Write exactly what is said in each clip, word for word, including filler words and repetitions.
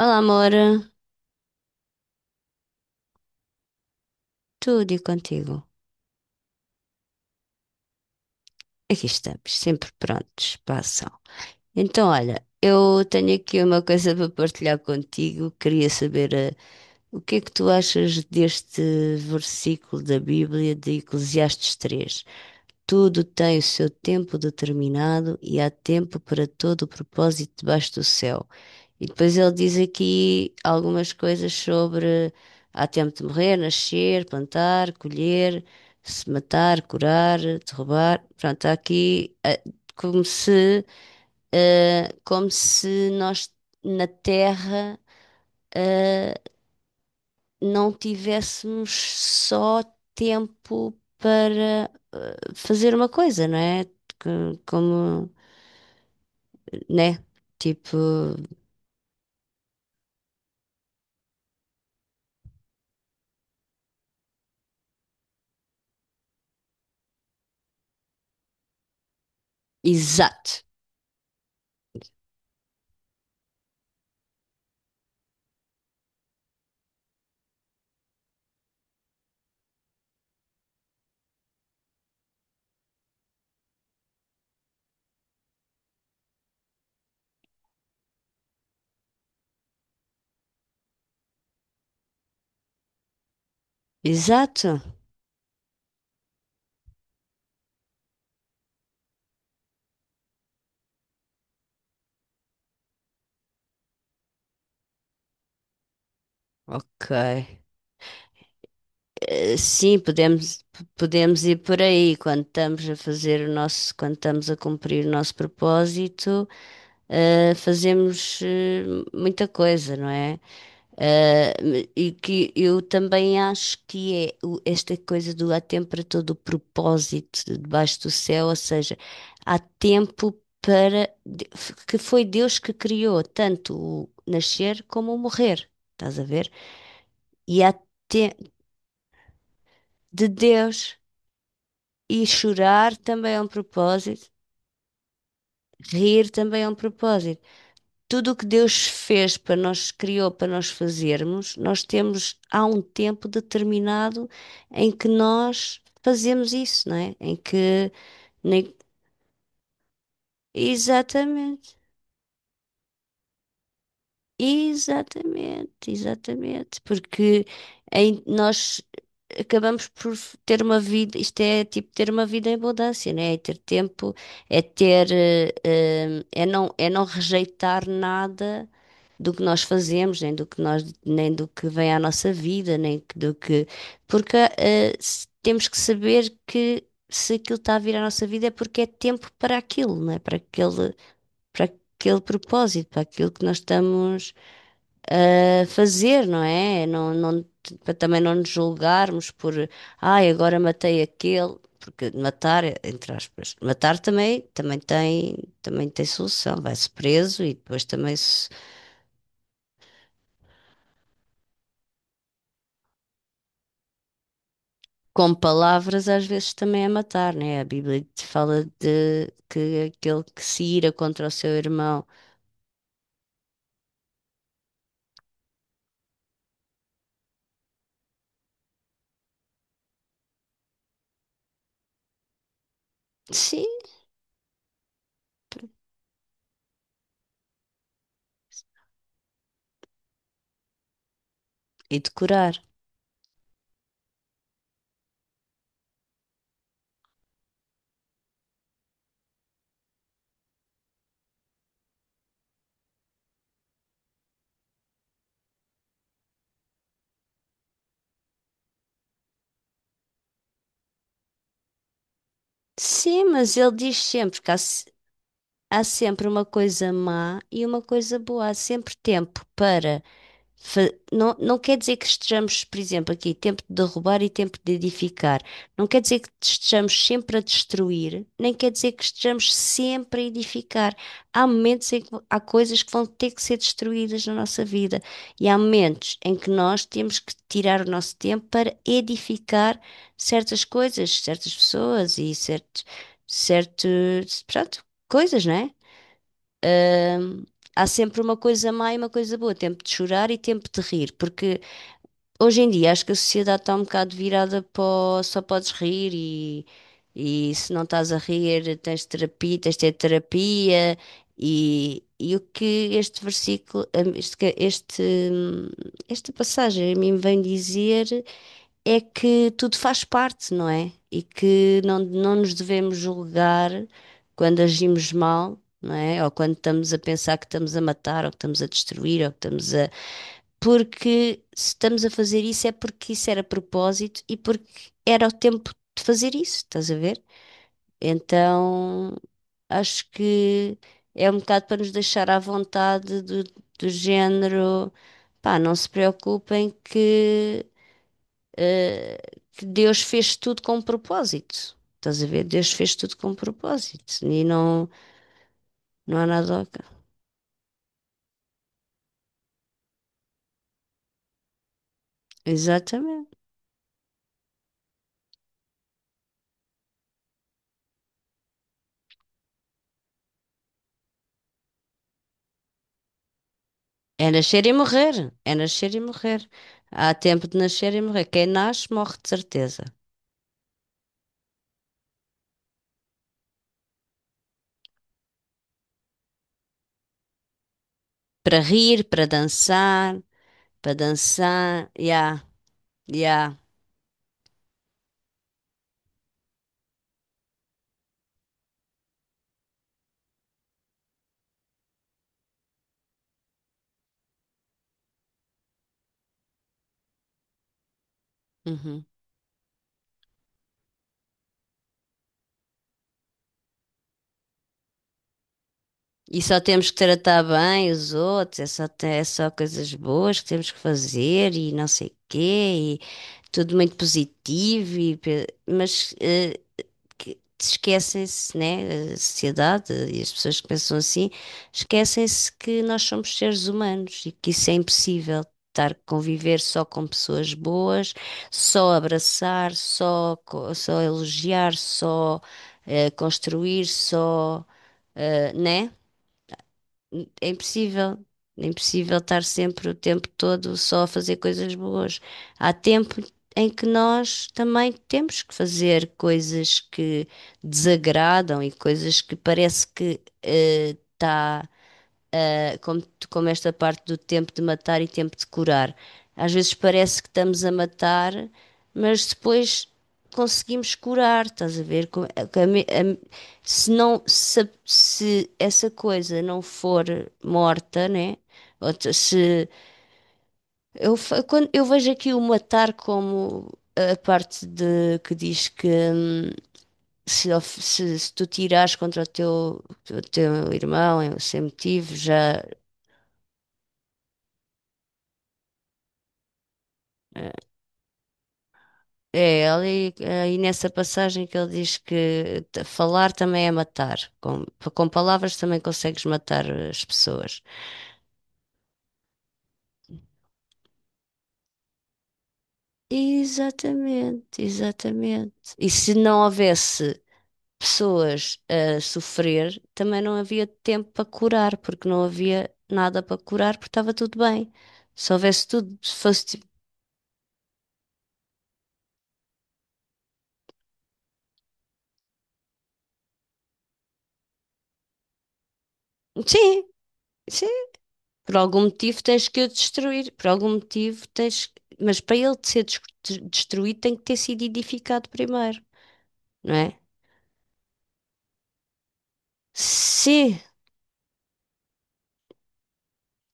Olá, amor, tudo e contigo? Aqui estamos, sempre prontos para a ação. Então, olha, eu tenho aqui uma coisa para partilhar contigo. Queria saber, eh, o que é que tu achas deste versículo da Bíblia de Eclesiastes três? Tudo tem o seu tempo determinado e há tempo para todo o propósito debaixo do céu. E depois ele diz aqui algumas coisas sobre há tempo de morrer, nascer, plantar, colher, se matar, curar, derrubar. Pronto, há aqui eh, como se, eh, como se nós na Terra, eh, não tivéssemos só tempo para fazer uma coisa, não é? Co- Como, né? Tipo, exato, exato. Ok. Eh, Sim, podemos, p- podemos ir por aí quando estamos a fazer o nosso, quando estamos a cumprir o nosso propósito, eh, fazemos eh, muita coisa, não é? Uh, e que eu também acho que é o- esta coisa do há tempo para todo o propósito debaixo do céu, ou seja, há tempo para de- que foi Deus que criou tanto o nascer como o morrer, estás a ver? E há tempo de Deus e chorar também é um propósito, rir também é um propósito. Tudo o que Deus fez para nós, criou para nós fazermos, nós temos há um tempo determinado em que nós fazemos isso, não é? Em que nem- exatamente, exatamente, exatamente, porque em- nós acabamos por f- ter uma vida, isto é tipo ter uma vida em abundância, não é? É ter tempo, é ter, eh, eh, é não, é não rejeitar nada do que nós fazemos, nem do que nós, nem do que vem à nossa vida, nem que- do que. Porque eh, se- temos que saber que se aquilo está a vir à nossa vida é porque é tempo para aquilo, não é? Para aquele, para aquele propósito, para aquilo que nós estamos a fazer, não é? Não, não, para também não nos julgarmos por, ai, agora matei aquele. Porque matar, entre aspas, matar também, também tem, também tem solução. Vai-se preso e depois também se. Com palavras às vezes também é matar, né? A Bíblia te fala de que aquele que se ira contra o seu irmão, sim, e decorar. Sim, mas ele diz sempre que há, se- há sempre uma coisa má e uma coisa boa, há sempre tempo para. Fa- Não, não quer dizer que estejamos, por exemplo, aqui, tempo de derrubar e tempo de edificar. Não quer dizer que estejamos sempre a destruir, nem quer dizer que estejamos sempre a edificar. Há momentos em que há coisas que vão ter que ser destruídas na nossa vida e há momentos em que nós temos que tirar o nosso tempo para edificar certas coisas, certas pessoas e certos, certos, pronto, coisas, né. Hum, há sempre uma coisa má e uma coisa boa, tempo de chorar e tempo de rir, porque hoje em dia acho que a sociedade está um bocado virada para o só podes rir e, e se não estás a rir tens terapia, tens de ter terapia e, e o que este versículo, hum, este, este, hum, esta passagem a mim vem dizer é que tudo faz parte, não é? E que não, não nos devemos julgar quando agimos mal, não é? Ou quando estamos a pensar que estamos a matar, ou que estamos a destruir, ou que estamos a. Porque se estamos a fazer isso é porque isso era propósito e porque era o tempo de fazer isso, estás a ver? Então acho que é um bocado para nos deixar à vontade do, do género. Pá, não se preocupem que eh, que Deus fez tudo com propósito. Estás a ver? Deus fez tudo com propósito. E não, não há nada. ao ca- Exatamente. É nascer e morrer. É nascer e morrer. Há tempo de nascer e morrer. Quem nasce, morre de certeza. Para rir, para dançar, para dançar. Ya, ya. Uhum. E só temos que tratar bem os outros. É só, te- é só coisas boas que temos que fazer e não sei o quê. Tudo muito positivo, e pe- mas eh, que- esquecem-se, né? A sociedade e as pessoas que pensam assim, esquecem-se que nós somos seres humanos e que isso é impossível. Estar a conviver só com pessoas boas, só abraçar, só, co- só elogiar, só eh, construir, só, eh, né? É impossível. É impossível estar sempre o tempo todo só a fazer coisas boas. Há tempo em que nós também temos que fazer coisas que desagradam e coisas que parece que está eh, como, como esta parte do tempo de matar e tempo de curar. Às vezes parece que estamos a matar, mas depois conseguimos curar, estás a ver? Com- a- a a- Se não, se, a- se essa coisa não for morta, né? Ou te- se eu, fa- quando eu vejo aqui o matar como a parte de que diz que hum, se, of- se- se tu tirares contra o teu, o teu irmão eh, sem motivo, já eh, é, ela e, nessa passagem que ele diz que t- falar também é matar. Com, com palavras também consegues matar as pessoas. Exatamente, exatamente. E se não houvesse pessoas a sofrer, também não havia tempo para curar, porque não havia nada para curar, porque estava tudo bem. Se houvesse tudo, se fosse tipo. Sim, sim, por algum motivo tens que o destruir, por algum motivo tens. Mas para ele ser des- de- destruído tem que ter sido edificado primeiro, não é? Sim,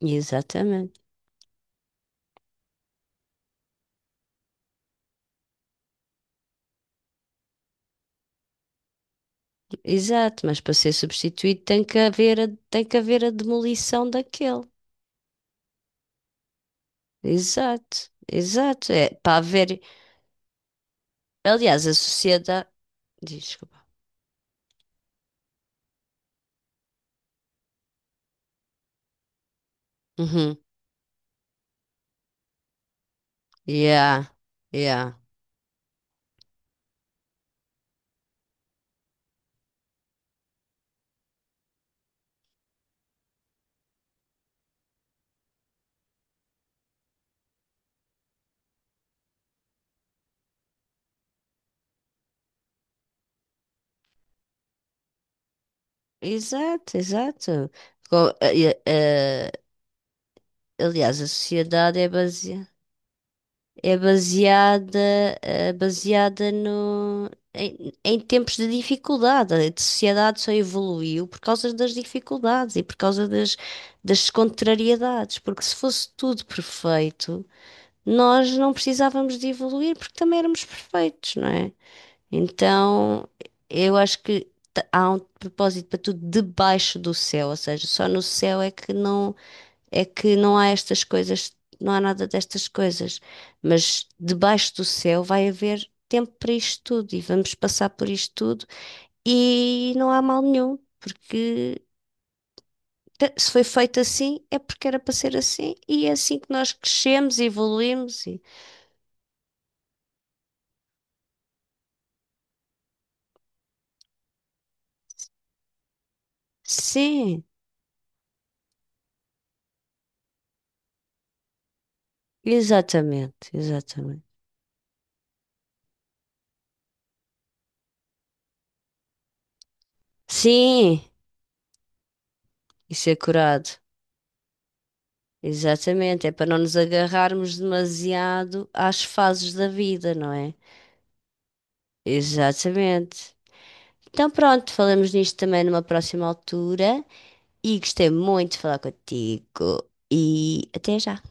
exatamente. Exato, mas para ser substituído tem que haver a, tem que haver a demolição daquele. Exato, exato. É para haver. Aliás, a sociedade. Desculpa. Uhum. Yeah, yeah. Exato, exato. Co- eh, eh, Aliás, a sociedade é baseada. É baseada, eh, baseada no, em, em tempos de dificuldade. A sociedade só evoluiu por causa das dificuldades e por causa das, das contrariedades. Porque se fosse tudo perfeito, nós não precisávamos de evoluir porque também éramos perfeitos, não é? Então, eu acho que t- há um propósito para tudo debaixo do céu. Ou seja, só no céu é que não. É que não há estas coisas, não há nada destas coisas, mas debaixo do céu vai haver tempo para isto tudo e vamos passar por isto tudo e não há mal nenhum, porque te- se foi feito assim é porque era para ser assim e é assim que nós crescemos e evoluímos e... Sim, exatamente, exatamente. Sim, isso é curado. Exatamente, é para não nos agarrarmos demasiado às fases da vida, não é? Exatamente. Então pronto, falamos nisto também numa próxima altura e gostei muito de falar contigo e até já.